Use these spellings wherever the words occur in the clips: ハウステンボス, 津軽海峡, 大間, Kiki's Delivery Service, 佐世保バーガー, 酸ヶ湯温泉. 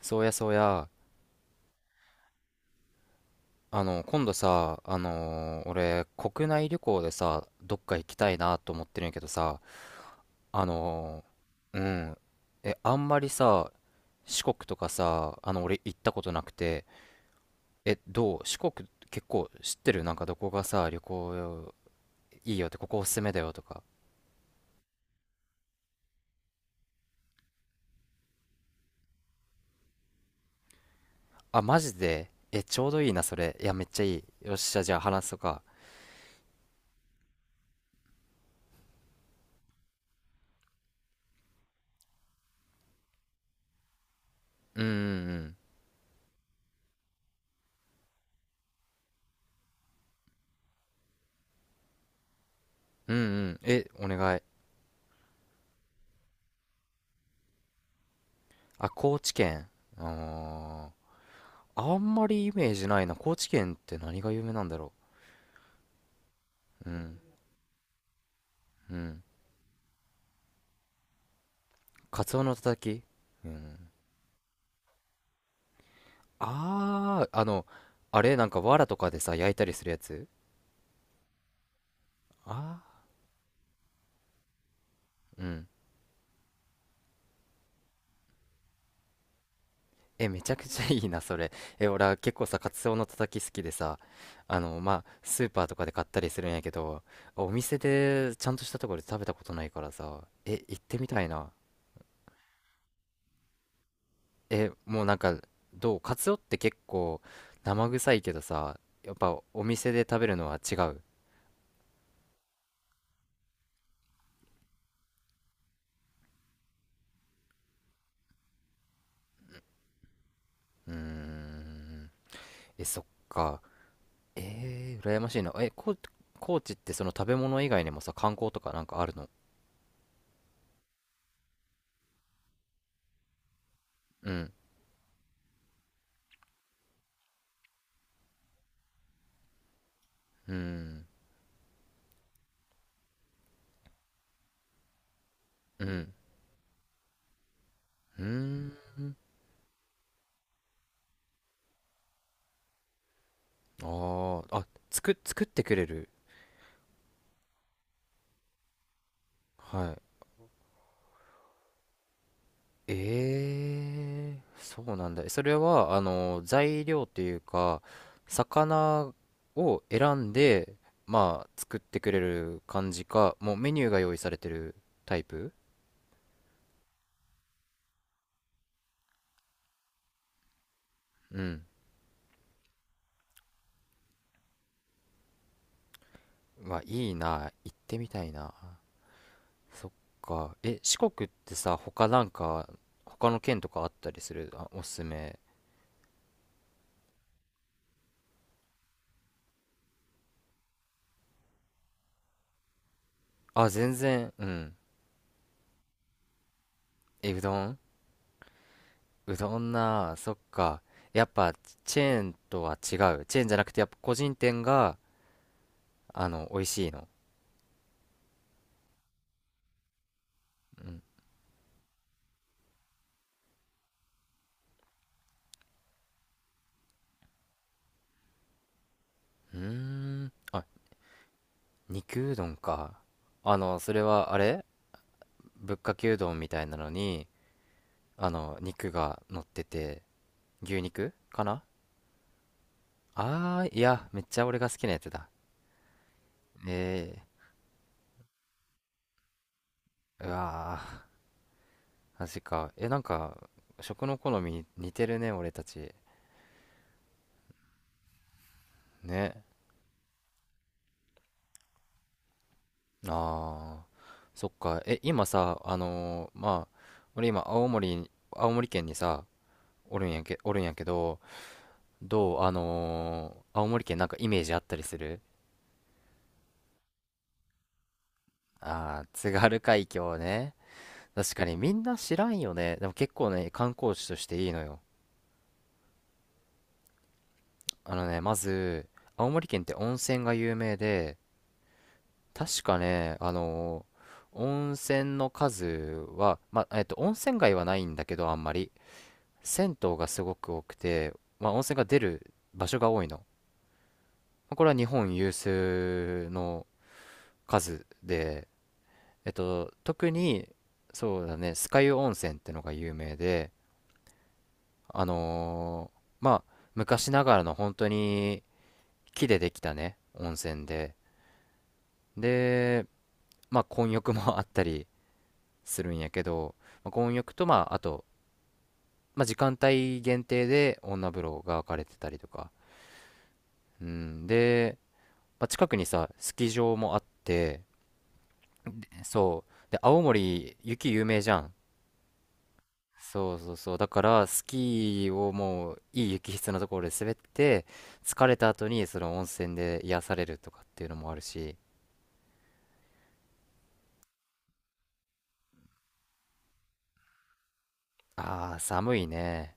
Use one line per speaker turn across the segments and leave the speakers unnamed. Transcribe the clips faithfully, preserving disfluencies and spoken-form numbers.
そうやそうや、あの、今度さ、あのー俺、国内旅行でさ、どっか行きたいなと思ってるんやけどさ、あのーうん、え、あんまりさ、四国とかさ、あの、俺行ったことなくて、え、どう四国結構知ってる？なんかどこがさ、旅行いいよって、ここおすすめだよとか。あ、マジで？え、ちょうどいいな、それ。いや、めっちゃいい。よっしゃ、じゃあ話そうか。うんうんうん。うんうん。え、お願い。あ、高知県。あー、あんまりイメージないな。高知県って何が有名なんだろう。うん。うん。カツオのたたき。うん。あー、あの、あれなんか藁とかでさ、焼いたりするやつ？ああー、うん。え、めちゃくちゃいいな、それ。え、俺は結構さ、カツオのたたき好きでさ、あの、まあ、スーパーとかで買ったりするんやけど、お店でちゃんとしたところで食べたことないからさ、え、行ってみたいな。え、もうなんか、どう？カツオって結構生臭いけどさ、やっぱお店で食べるのは違う？うーん。え、そっか。えー、羨ましいな。え、こ、高知ってその食べ物以外にもさ、観光とかなんかあるの？うん。うん。うん。うーん。あー、あ、つく、作ってくれる。はい。ええ、そうなんだ。それは、あの、材料というか、魚を選んで、まあ、作ってくれる感じか、もうメニューが用意されてるタイプ？うん。うわ、いいな。行ってみたいな。そっか。え、四国ってさ、他なんか、他の県とかあったりする？あ、おすすめ。あ、全然、うん。え、うどん？うどんなあ、そっか。やっぱチェーンとは違う？チェーンじゃなくて、やっぱ個人店が、あの、美味しいの？うん。うーん。あ、肉うどんか。あの、それは、あれ？ぶっかけうどんみたいなのに、あの、肉が乗ってて、牛肉かな？あー、いや、めっちゃ俺が好きなやつだ。えー、うわー、マジか。え、なんか、食の好み似てるね、俺たち。ね。ああ、そっか。え、今さ、あのーまあ、俺今、青森に、青森県にさ、おるんやけ、おるんやけど、どう、あのー青森県なんかイメージあったりする？ああー、津軽海峡ね。確かにみんな知らんよね。でも結構ね、観光地としていいのよ。あのね、まず、青森県って温泉が有名で、確かね、あのー温泉の数は、まあ、えっと、温泉街はないんだけど、あんまり。銭湯がすごく多くて、まあ、温泉が出る場所が多いの。まあ、これは日本有数の数で、えっと、特に、そうだね、酸ヶ湯温泉ってのが有名で、あのーまあ、昔ながらの本当に木でできたね、温泉で、で、まあ、混浴も あったりするんやけど、まあ、混浴と、まあ、あと、まあ、時間帯限定で女風呂が分かれてたりとか、うん、で、まあ、近くにさ、スキー場もあって、そう。で、青森、雪有名じゃん。そうそうそう。だから、スキーをもう、いい雪質のところで滑って、疲れた後に、その温泉で癒されるとかっていうのもあるし、ああ、寒いね。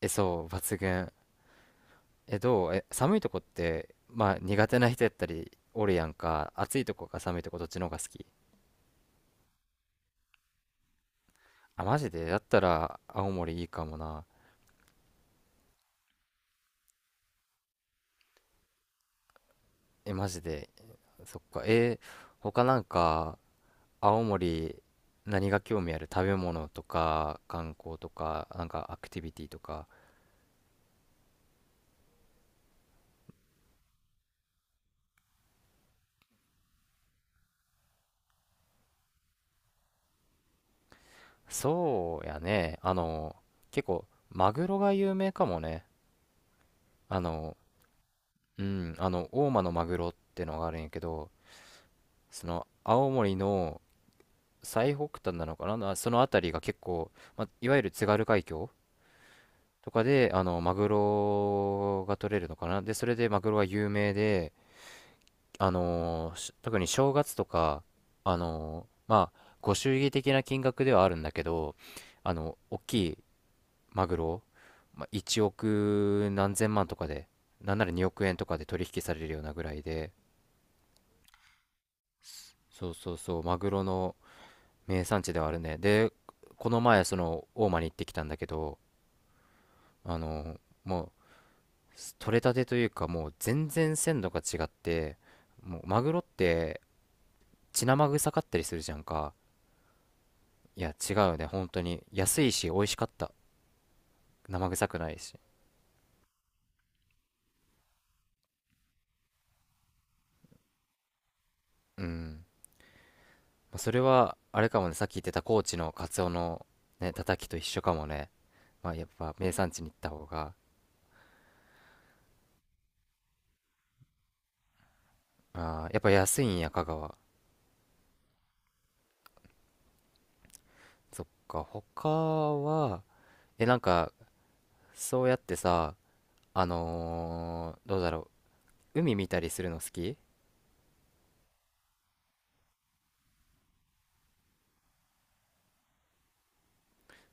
え、そう、抜群。え、どう？え、寒いとこって、まあ、苦手な人やったり、おるやんか。暑いとこか寒いとこ、どっちの方が好き？あ、マジで？だったら、青森いいかもな。え、マジで。そっか。え、他なんか、青森何が興味ある？食べ物とか観光とかなんかアクティビティとか。そうやね、あの結構マグロが有名かもね。あのうん、あの大間のマグロってのがあるんやけど、その青森の最北端なのかな、なその辺りが結構、ま、いわゆる津軽海峡とかであのマグロが取れるのかな。でそれでマグロが有名で、あのーし特に正月とか、あのーまあ、ご祝儀的な金額ではあるんだけど、あの、大きいマグロ、まあ、いちおく何千万とかで、なんならにおく円とかで取引されるようなぐらいで、そうそうそう、マグロの名産地ではあるね。で、この前、その、大間に行ってきたんだけど、あのもう、取れたてというか、もう全然鮮度が違って、もう、マグロって、血生臭かったりするじゃんか。いや、違うね、本当に。安いし、美味しかった。生臭くないし。うん。まあ、それは、あれかもね、さっき言ってた高知のカツオのね、たたきと一緒かもね。まあ、やっぱ名産地に行った方が。あー、やっぱ安いんや、香川。そっか、他は、え、なんか、そうやってさ、あのーどうだろう。海見たりするの好き？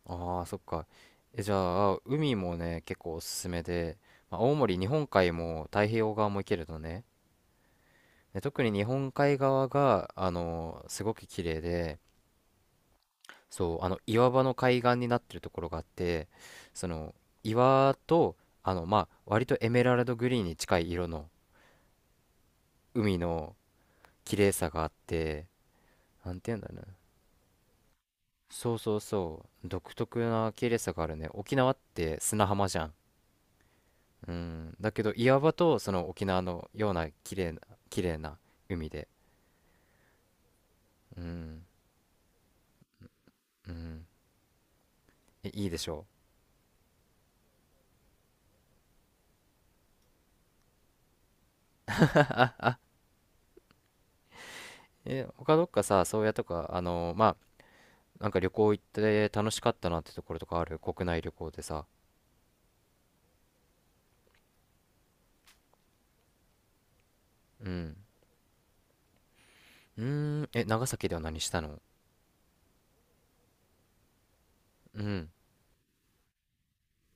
ああ、そっか。え、じゃあ、海もね、結構おすすめで、まあ、青森、日本海も太平洋側も行けるのね。で、特に日本海側が、あのすごく綺麗で、そう、あの、岩場の海岸になってるところがあって、その、岩と、あの、まあ、割とエメラルドグリーンに近い色の海の綺麗さがあって、なんて言うんだろうな。そうそうそう、独特な綺麗さがあるね。沖縄って砂浜じゃん。うん。だけど、岩場と、その沖縄のような綺麗な、綺麗な海で。うん。うん。え、いいでしょう。え、他どっかさ、宗谷とか、あの、まあ、なんか旅行行って楽しかったなってところとかある？国内旅行でさ。うん。うーん、え、長崎では何したの？うん、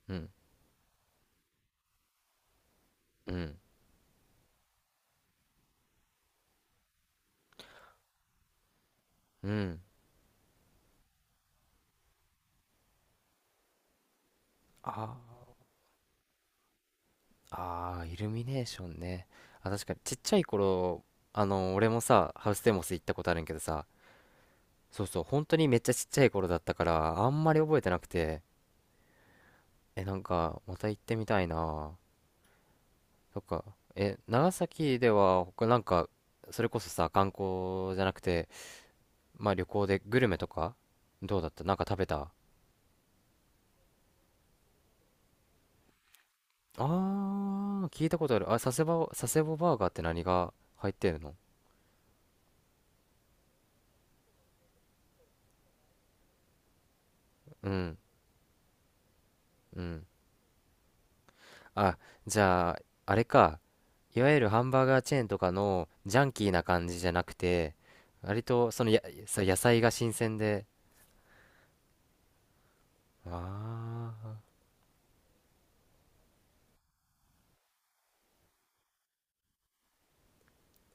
うん、うん、うん。あー、あー、イルミネーションね。あ、確かに、ちっちゃい頃、あの、俺もさ、ハウステンボス行ったことあるんやけどさ、そうそう、本当にめっちゃちっちゃい頃だったから、あんまり覚えてなくて、え、なんか、また行ってみたいな。そっか。え、長崎では他なんか、それこそさ、観光じゃなくて、まあ、旅行でグルメとか、どうだった？なんか食べた？あー、聞いたことある。あ、佐世保、佐世保バーガーって何が入ってるの？うん、うん。あ、じゃあ、あれか。いわゆるハンバーガーチェーンとかのジャンキーな感じじゃなくて、割とそのや、さ野菜が新鮮で。あー